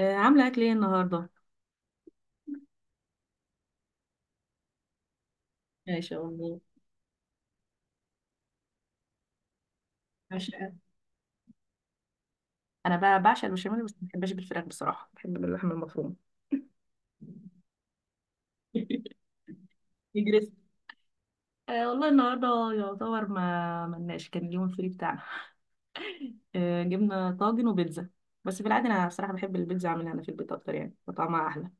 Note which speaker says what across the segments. Speaker 1: عامله اكل ايه النهارده؟ ماشي والله. عشان انا بقى بعشق البشاميل، بس ما بحبش بالفراخ، بصراحه بحب باللحمه المفرومه. يجرس. والله النهارده يعتبر ما ملناش، كان اليوم الفري بتاعنا. أه، جبنا طاجن وبيتزا، بس في العاده انا بصراحه بحب البيتزا اعملها انا في البيت اكتر، يعني وطعمها احلى.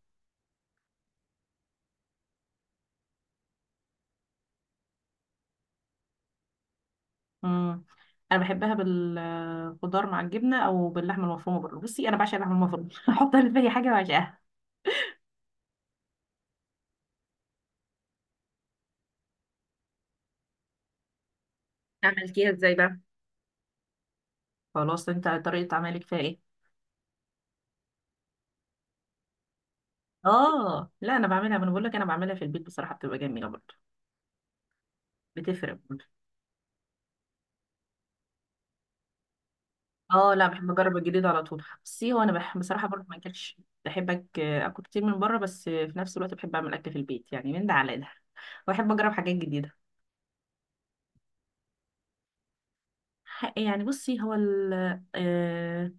Speaker 1: امم انا بحبها بالخضار مع الجبنه او باللحمه المفرومه برضه. بصي، انا بعشق اللحمه المفرومه احطها في اي حاجه، بعشقها. عملتيها ازاي بقى؟ خلاص، انت طريقه عملك فيها ايه؟ اه لا، انا بعملها. ما انا بقول لك انا بعملها في البيت، بصراحه بتبقى جميله برضه، بتفرق برضه. اه لا، بحب اجرب الجديد على طول. بصي، هو انا بصراحه برضه ما اكلش. بحب اكل كتير من بره، بس في نفس الوقت بحب اعمل اكل في البيت، يعني من ده على ده، واحب اجرب حاجات جديده. يعني بصي هو ال... آه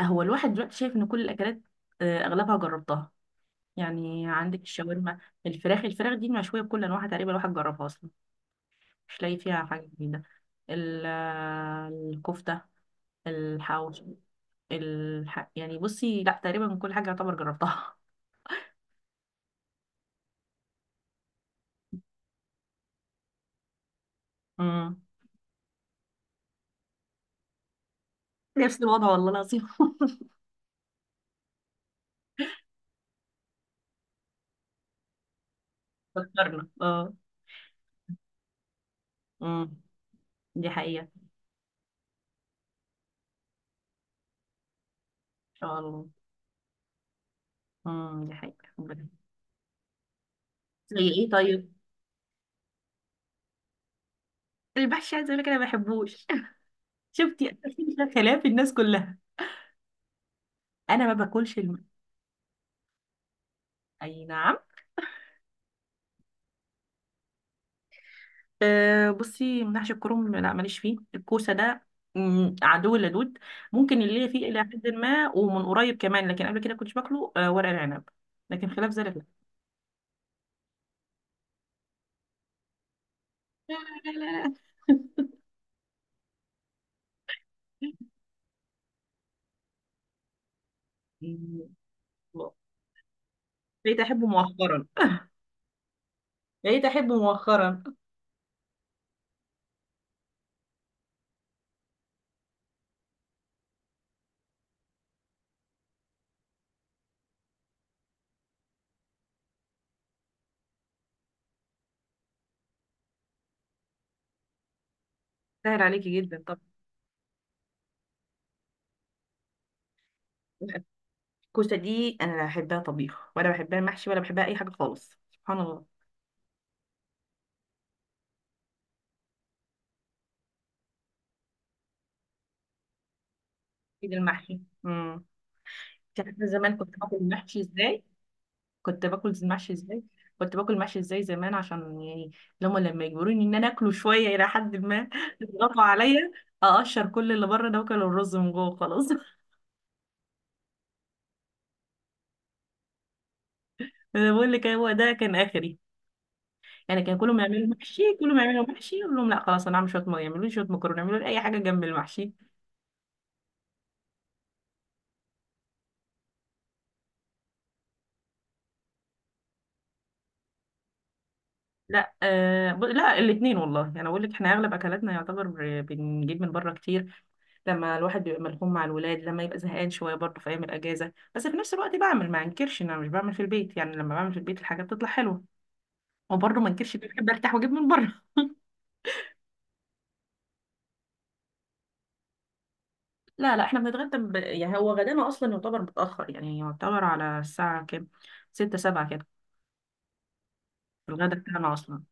Speaker 1: هو الواحد دلوقتي شايف ان كل الاكلات، اغلبها جربتها. يعني عندك الشاورما، الفراخ، دي مشويه بكل انواعها تقريبا، الواحد جربها اصلا، مش لاقي فيها حاجه جديده. ال- آه، الكفته، الحواوشي، يعني بصي لا، تقريبا كل حاجة يعتبر جربتها. امم، نفس الوضع والله العظيم. فكرنا، اه. امم، دي حقيقة. ان شاء الله. امم، دي حقيقة. ربنا-. زي ايه طيب؟ المحشي، عايزة اقول لك انا ما بحبوش. شفتي؟ أنا في خلاف الناس كلها. انا ما باكلش اي نعم. أه بصي، محشي الكرنب لا، ماليش فيه. الكوسة ده مم، عدو لدود. ممكن اللي هي فيه الى حد ما، ومن قريب كمان، لكن قبل كده كنتش باكله. أه ورق العنب لكن، خلاف ذلك، لا. لا مم. بقيت احبه مؤخرا. بقيت احبه مؤخرا. سهل عليكي جدا طب. الكوسه دي انا لا بحبها طبيخ، ولا بحبها محشي، ولا بحبها اي حاجه خالص، سبحان الله. ايه المحشي، امم. انت عارفه زمان كنت باكل المحشي ازاي؟ كنت باكل المحشي ازاي؟ كنت باكل المحشي ازاي زمان؟ عشان يعني لما يجبروني ان انا اكله شويه، الى حد ما يضغطوا عليا، اقشر كل اللي بره ده واكل الرز من جوه، خلاص. انا بقول لك، هو ده كان اخري. يعني كان كلهم يعملوا محشي، كلهم يعملوا محشي، يقول لهم لا خلاص، انا هعمل شويه يعملوا لي شويه مكرونه، يعملوا لي اي حاجه جنب المحشي. لا آه ب... لا، الاثنين والله، يعني اقول لك احنا اغلب اكلاتنا يعتبر بنجيب من بره كتير، لما الواحد بيبقى ملحوم مع الولاد، لما يبقى زهقان شويه برضه، في ايام الاجازه، بس في نفس الوقت بعمل، ما انكرش ان انا مش بعمل في البيت، يعني لما بعمل في البيت الحاجه بتطلع حلوه، وبرضه ما انكرش إن أنا بحب ارتاح واجيب من بره. لا، احنا بنتغدى. يعني هو غدانا اصلا يعتبر متاخر، يعني يعتبر على الساعه كام؟ ستة سبعة كده، الغدا بتاعنا اصلا.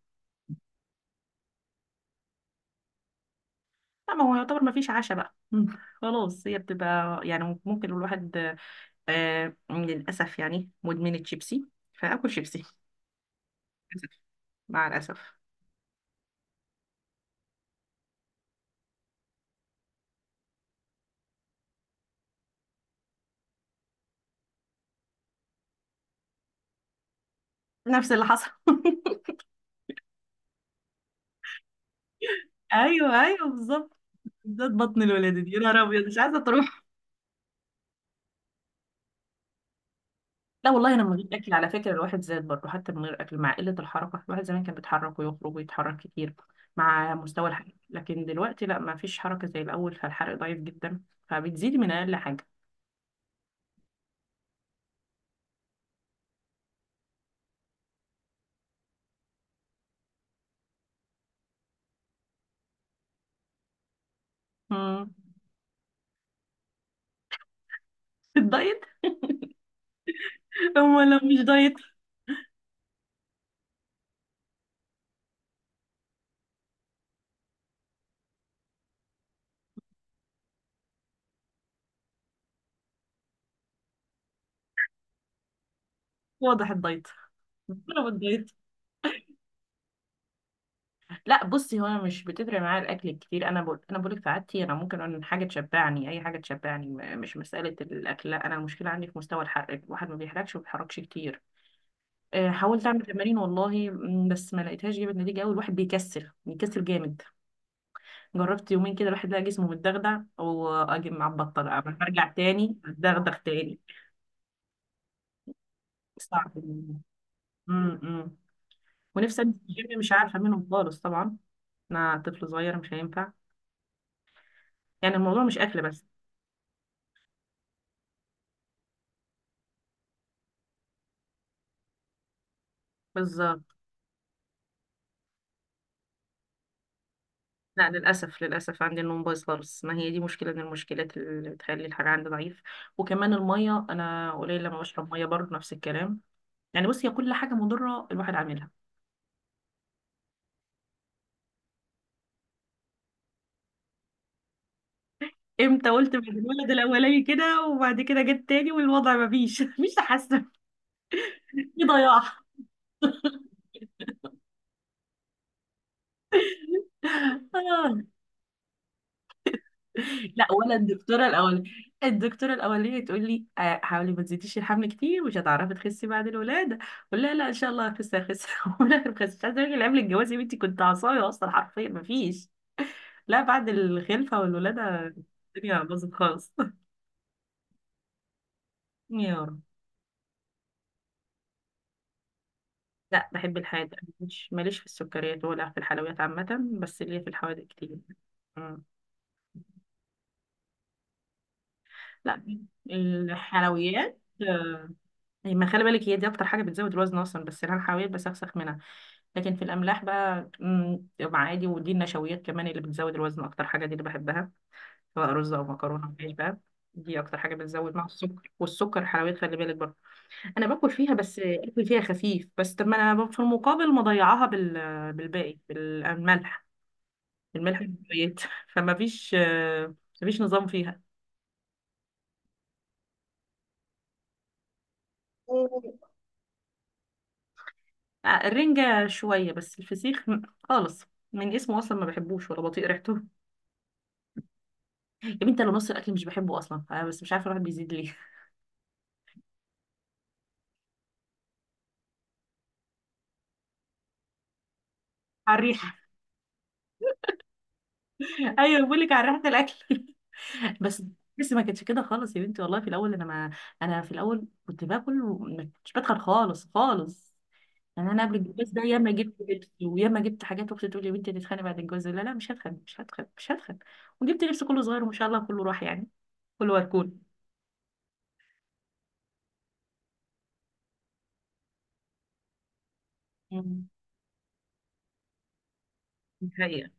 Speaker 1: لا، ما هو يعتبر ما فيش عشاء بقى. خلاص، هي بتبقى يعني ممكن الواحد، للأسف يعني مدمن الشيبسي، فأكل شيبسي، للأسف، مع الأسف. نفس اللي حصل. ايوه بالظبط. بالذات بطن الولادة دي، يا نهار ابيض، مش عايزه تروح. لا والله انا من غير اكل، على فكره الواحد زاد برضه حتى من غير اكل، مع قله الحركه. الواحد زمان كان بيتحرك ويخرج ويتحرك كتير، مع مستوى الحرق، لكن دلوقتي لا، ما فيش حركه زي الاول، فالحرق ضعيف جدا، فبتزيدي من اقل حاجه. امم الدايت. هو لو مش دايت. واضح الدايت. طلب الدايت. لا بصي، هو انا مش بتفرق معايا الاكل كتير. انا بقول، انا بقولك في عادتي انا ممكن أن حاجه تشبعني، اي حاجه تشبعني، مش مساله الاكل. لا، انا المشكله عندي في مستوى الحرق، الواحد ما بيحرقش وما بيتحركش كتير. حاولت اعمل تمارين والله بس ما لقيتهاش جابت نتيجه قوي، الواحد بيكسل، بيكسل جامد. جربت يومين كده، الواحد لقى جسمه متدغدغ، واجي مع البطه بقى برجع تاني اتدغدغ تاني. صعب. م- م. ونفسي أنزل الجيم، مش عارفة منهم خالص طبعا. أنا طفل صغير مش هينفع، يعني الموضوع مش أكل بس. بالظبط. لا للأسف، للأسف عندي النوم بايظ خالص، ما هي دي مشكلة من المشكلات اللي بتخلي الحاجة عندي ضعيف. وكمان المية أنا قليل لما بشرب مية، برضه نفس الكلام. يعني بص، هي كل حاجة مضرة الواحد عاملها. امتى قلت؟ بعد الولد الأولاني كده، وبعد كده جت تاني، والوضع ما فيش مفيش تحسن. في ضياع. لا، ولا الدكتوره الاولانيه، الدكتوره الاولانيه تقول لي حاولي ما تزيديش الحمل كتير، مش هتعرفي تخسي بعد الولاده. اقول لها لا ان شاء الله هخس هخس، ولا بخس. مش عايزه اقول لك، قبل الجواز يا بنتي كنت عصايه اصلا، حرفيا ما فيش. لا، بعد الخلفه والولاده الدنيا باظت خالص. يا رب. لا بحب الحياة. مش ماليش في السكريات ولا في الحلويات عامة، بس ليا في الحوادق كتير. مم. لا، الحلويات، أي ما خلي بالك، هي دي اكتر حاجه بتزود الوزن اصلا، بس انا حاولت بسخسخ منها. لكن في الاملاح بقى مع عادي. ودي النشويات كمان اللي بتزود الوزن اكتر حاجه، دي اللي بحبها، سواء رز او مكرونه او عيش بقى. دي اكتر حاجه بتزود، مع السكر، والسكر حلويات خلي بالك برضه. انا باكل فيها، بس اكل فيها خفيف بس. طب ما انا في المقابل مضيعاها بالباقي، بالملح، الملح والحلويات. فما فيش مفيش نظام فيها. آه، الرنجة شوية، بس الفسيخ خالص، من اسمه أصلا ما بحبوش ولا بطيق ريحته. يا بنتي انا نص الاكل مش بحبه اصلا أنا، بس مش عارفه الواحد بيزيد ليه. على الريحه. ايوه بقول لك على ريحه الاكل. بس. بس ما كانتش كده خالص يا بنتي والله في الاول، انا ما انا في الاول كنت باكل، وما كنتش بدخل خالص خالص. يعني انا قبل الجواز ده، ياما جبت لبس، وياما جبت حاجات، واختي تقول لي يا بنتي هتتخانقي بعد الجواز، لا، مش هتخانق، مش هتخانق، مش هتخانق. وجبت لبس كله صغير، وما شاء الله كله راح، يعني كله وركون. مم. دي حقيقة.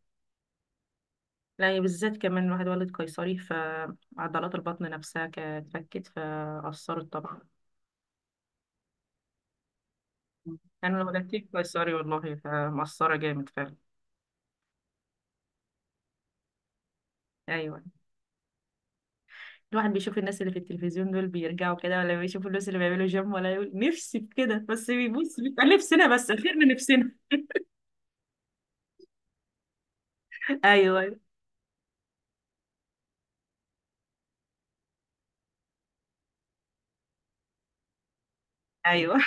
Speaker 1: لا يعني بالذات كمان الواحد ولد قيصري، فعضلات البطن نفسها كانت اتفكت فأثرت طبعا. انا لما جبتك سوري والله، فمقصره جامد فعلا. ايوه، الواحد بيشوف الناس اللي في التلفزيون دول بيرجعوا كده، ولا بيشوف الناس اللي بيعملوا جيم، ولا يقول نفسي في كده، بس بيبص بيبقى نفسنا بس، خيرنا نفسنا. ايوه ايوه ايوه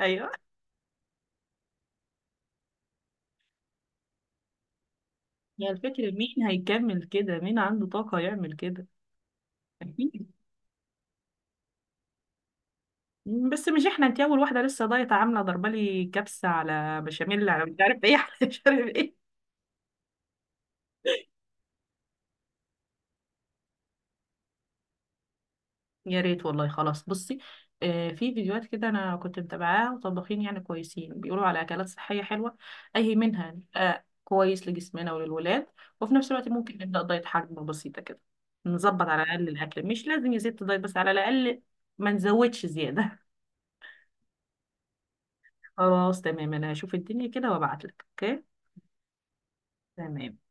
Speaker 1: ايوه. هي الفكره مين هيكمل كده، مين عنده طاقه يعمل كده؟ أكيد. بس مش احنا، انت اول واحده لسه دايت، عامله ضربه لي كبسه على بشاميل، على مش عارف ايه على مش عارف ايه. يا ريت والله، خلاص بصي، في فيديوهات كده انا كنت متابعاها، وطباخين يعني كويسين بيقولوا على اكلات صحيه حلوه، اي منها كويس لجسمنا وللولاد. وفي نفس الوقت ممكن نبدا دايت حجم بسيطه كده، نظبط على الاقل الاكل، مش لازم يا ست دايت، بس على الاقل ما نزودش زياده. خلاص تمام، انا هشوف الدنيا كده وابعت لك، اوكي؟ تمام.